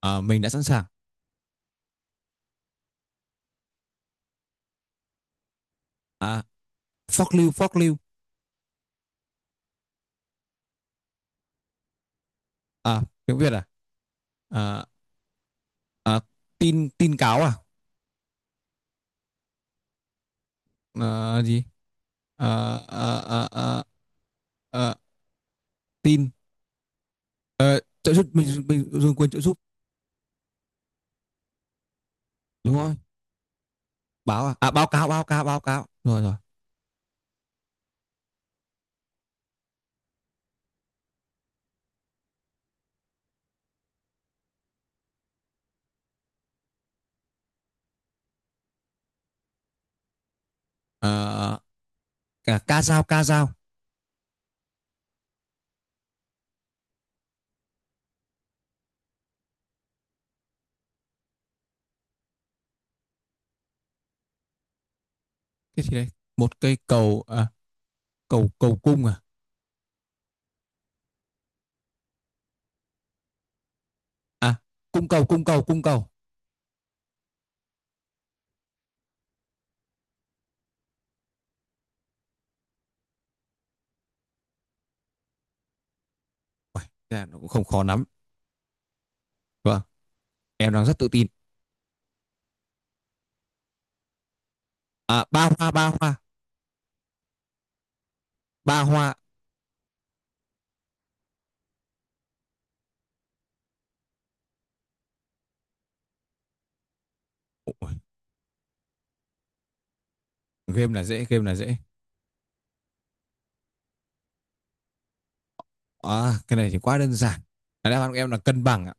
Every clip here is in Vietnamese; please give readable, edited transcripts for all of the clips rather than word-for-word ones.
À, mình đã sẵn sàng. À, phóc lưu, phóc lưu. À, tiếng Việt à? À, à, tin cáo à? À, gì? À, à, à, à, à, tin. Ờ, trợ giúp, mình dùng quyền trợ giúp. Đúng rồi. Báo à? À, báo cáo, báo cáo, báo cáo. Rồi, rồi. À, cả ca dao, ca dao. Cái gì đấy? Một cây cầu, à, cầu cung à? À, cung cầu, cung cầu, cung cầu. Dạ, nó cũng không khó lắm. Vâng, em đang rất tự tin. À, ba hoa, ba hoa. Ba hoa. Game là dễ, game là dễ. À, cái này thì quá đơn giản. Đáp án của em là cân bằng ạ.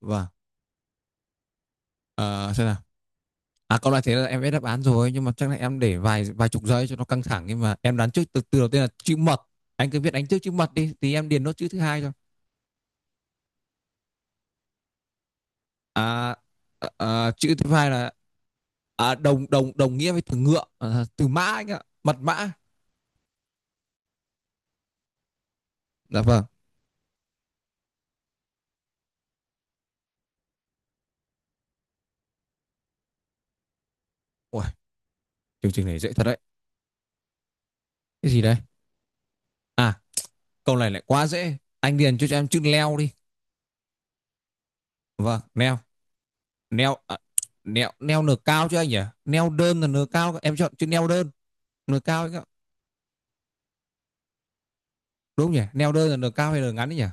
Vâng. Ờ, xem nào. À, câu này thế là em biết đáp án rồi, nhưng mà chắc là em để vài vài chục giây cho nó căng thẳng, nhưng mà em đoán trước từ từ đầu tiên là chữ mật. Anh cứ viết đánh trước chữ mật đi thì em điền nốt chữ thứ hai cho. À, à, chữ thứ hai là à, đồng đồng đồng nghĩa với từ ngựa, à, từ mã anh ạ, mật mã. Dạ vâng. Ui, chương trình này dễ thật đấy. Cái gì đấy? À, câu này lại quá dễ. Anh điền cho em chữ leo đi. Vâng, leo. Neo à? Neo neo nửa cao chứ anh nhỉ? Neo đơn là nửa cao, em chọn chữ neo đơn nửa cao ấy. Đúng nhỉ, neo đơn là nửa cao hay nửa ngắn ấy nhỉ?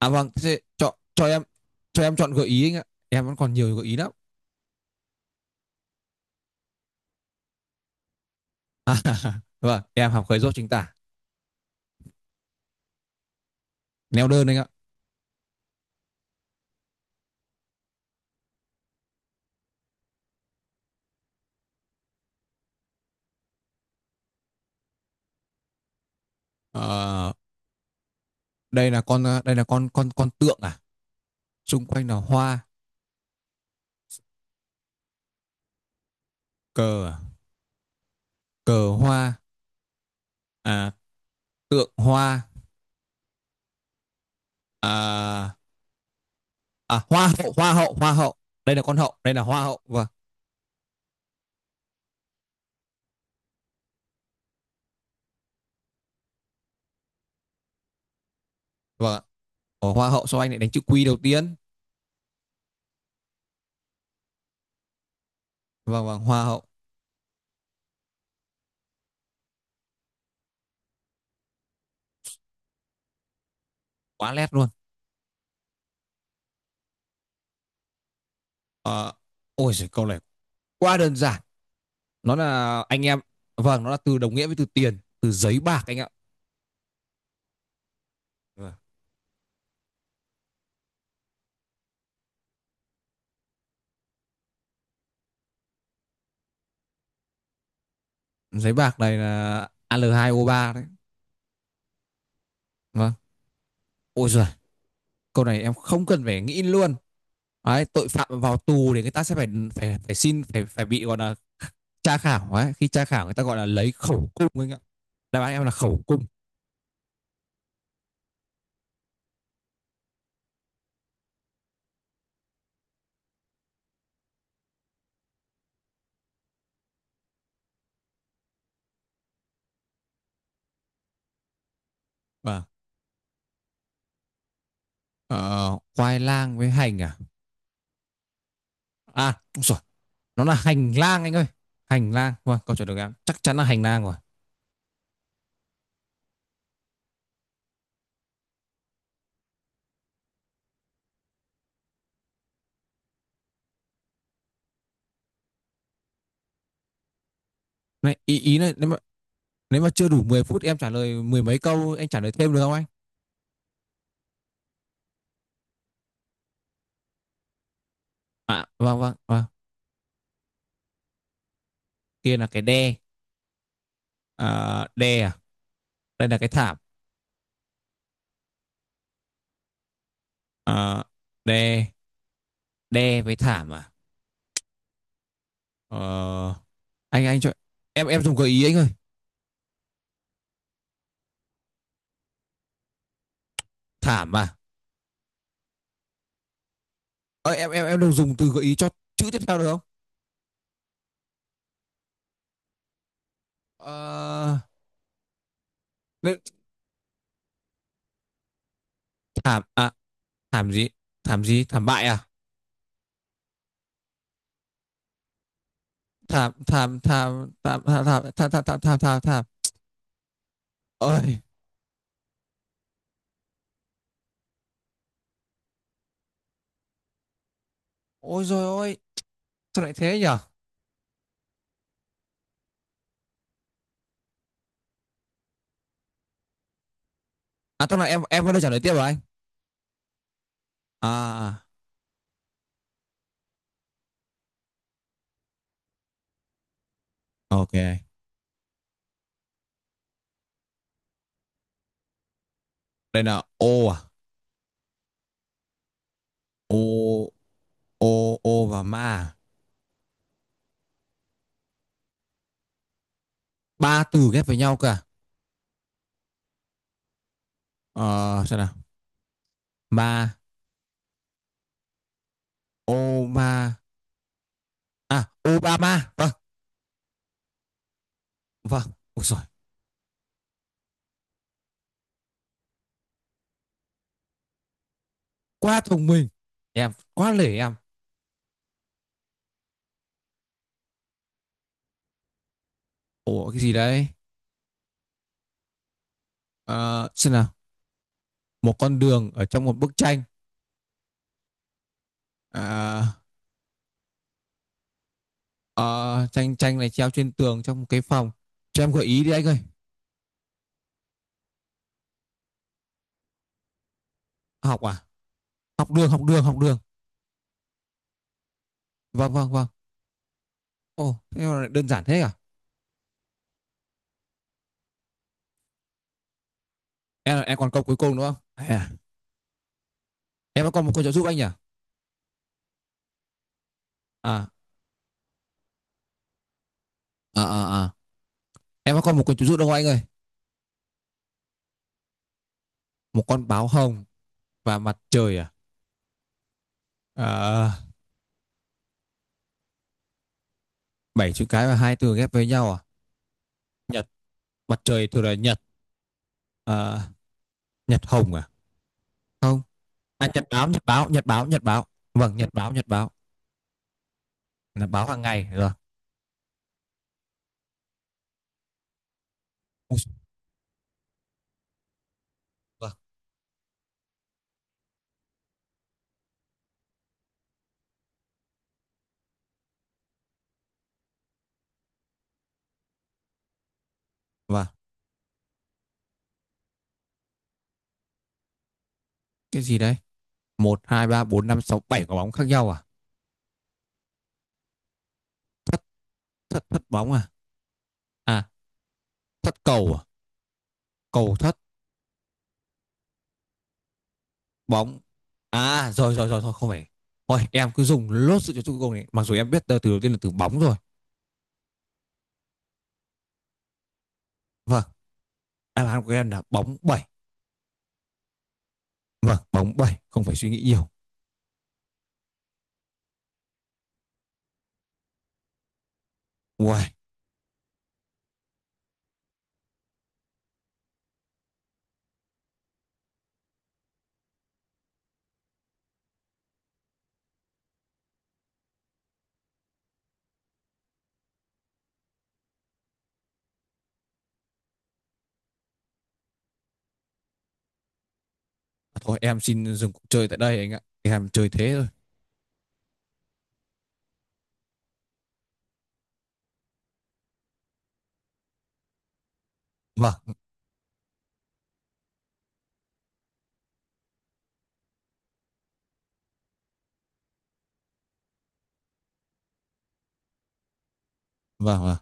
À vâng, thế chọn cho em chọn gợi ý anh ạ, em vẫn còn nhiều gợi ý lắm. À, vâng em học khởi dốt chính tả. Neo đơn anh ạ. Ờ, đây là con, đây là con tượng à, xung quanh là hoa. Cờ à? Cờ hoa. À, tượng hoa. À, à hoa hậu, hoa hậu, hoa hậu. Đây là con hậu, đây là hoa hậu, vâng. Vâng ạ. Ờ, hoa hậu, sao anh lại đánh chữ quy đầu tiên? Vâng, vâng, hoa hậu. Quá lét luôn. Ờ, ôi giời, câu này quá đơn giản, nó là anh em. Vâng, nó là từ đồng nghĩa với từ tiền, từ giấy bạc anh ạ. Vâng. Giấy bạc này là Al2O3 đấy. Vâng, ôi giời, câu này em không cần phải nghĩ luôn. Đấy, tội phạm vào tù thì người ta sẽ phải phải phải xin phải phải bị gọi là tra khảo ấy, khi tra khảo người ta gọi là lấy khẩu cung anh ạ. Đáp án em là khẩu cung. Và khoai lang với hành à? À, đúng rồi. Nó là hành lang anh ơi. Hành lang. Vâng, câu trả lời của em chắc chắn là hành lang rồi. Này, ý ý này, nếu mà chưa đủ 10 phút em trả lời mười mấy câu, anh trả lời thêm được không anh? À, vâng vâng, vâng. Kia là cái đe. À, đe à? Đây là cái thảm. À, đe, đe với thảm à? Ờ, anh cho em dùng gợi ý anh ơi. Thảm à? Ờ, em đừng dùng từ gợi ý cho chữ tiếp theo được không? Ờ, thảm à? Thảm gì? Thảm gì? Thảm bại à? Thảm thảm thảm thảm thảm thảm thảm thảm thảm thảm thảm thảm. Ôi, ôi rồi, ôi. Sao lại thế nhở? À, tức là em có đưa trả lời tiếp rồi anh. À à, ok. Đây là ô à? Ô ô ô và ma à? Ba từ ghép với nhau cơ à? Ờ, xem nào. Ma, ô ma, à Obama, vâng. Vâng, ôi rồi. Quá thông minh. Em quá lể em. Ủa, cái gì đấy? Ờ, xem nào. Một con đường ở trong một bức tranh. À, Ờ, tranh tranh này treo trên tường trong một cái phòng. Cho em gợi ý đi anh ơi. Học à? Học đường, học đường, học đường. Vâng, vâng, vâng. Ồ, thế mà lại đơn giản thế à? Em còn câu cuối cùng đúng không? À? Em có còn một câu trợ giúp anh nhỉ? À, à. Em có còn một câu trợ giúp đâu anh ơi? Một con báo hồng và mặt trời à? À, bảy chữ cái và hai từ ghép với nhau à? Nhật, mặt trời thường là nhật. À, nhật hồng à? Không. À, nhật báo, nhật báo, nhật báo, nhật báo. Vâng, nhật báo, nhật báo. Là báo hàng ngày rồi. Vâng, vâng. Cái gì đấy? Một, hai, ba, bốn, năm, sáu, bảy quả bóng khác nhau à? Thất thất bóng à? À, thất cầu à? Cầu thất. Bóng. À rồi, rồi rồi thôi không phải. Thôi em cứ dùng lốt sự cho chung cùng này, mặc dù em biết từ đầu tiên là từ bóng rồi. Vâng. Đáp án của em là bóng bảy. Vâng, bóng bảy, không phải suy nghĩ nhiều. Uầy, thôi em xin dừng cuộc chơi tại đây anh ạ, em chơi thế thôi. Vâng, vâng, vâng.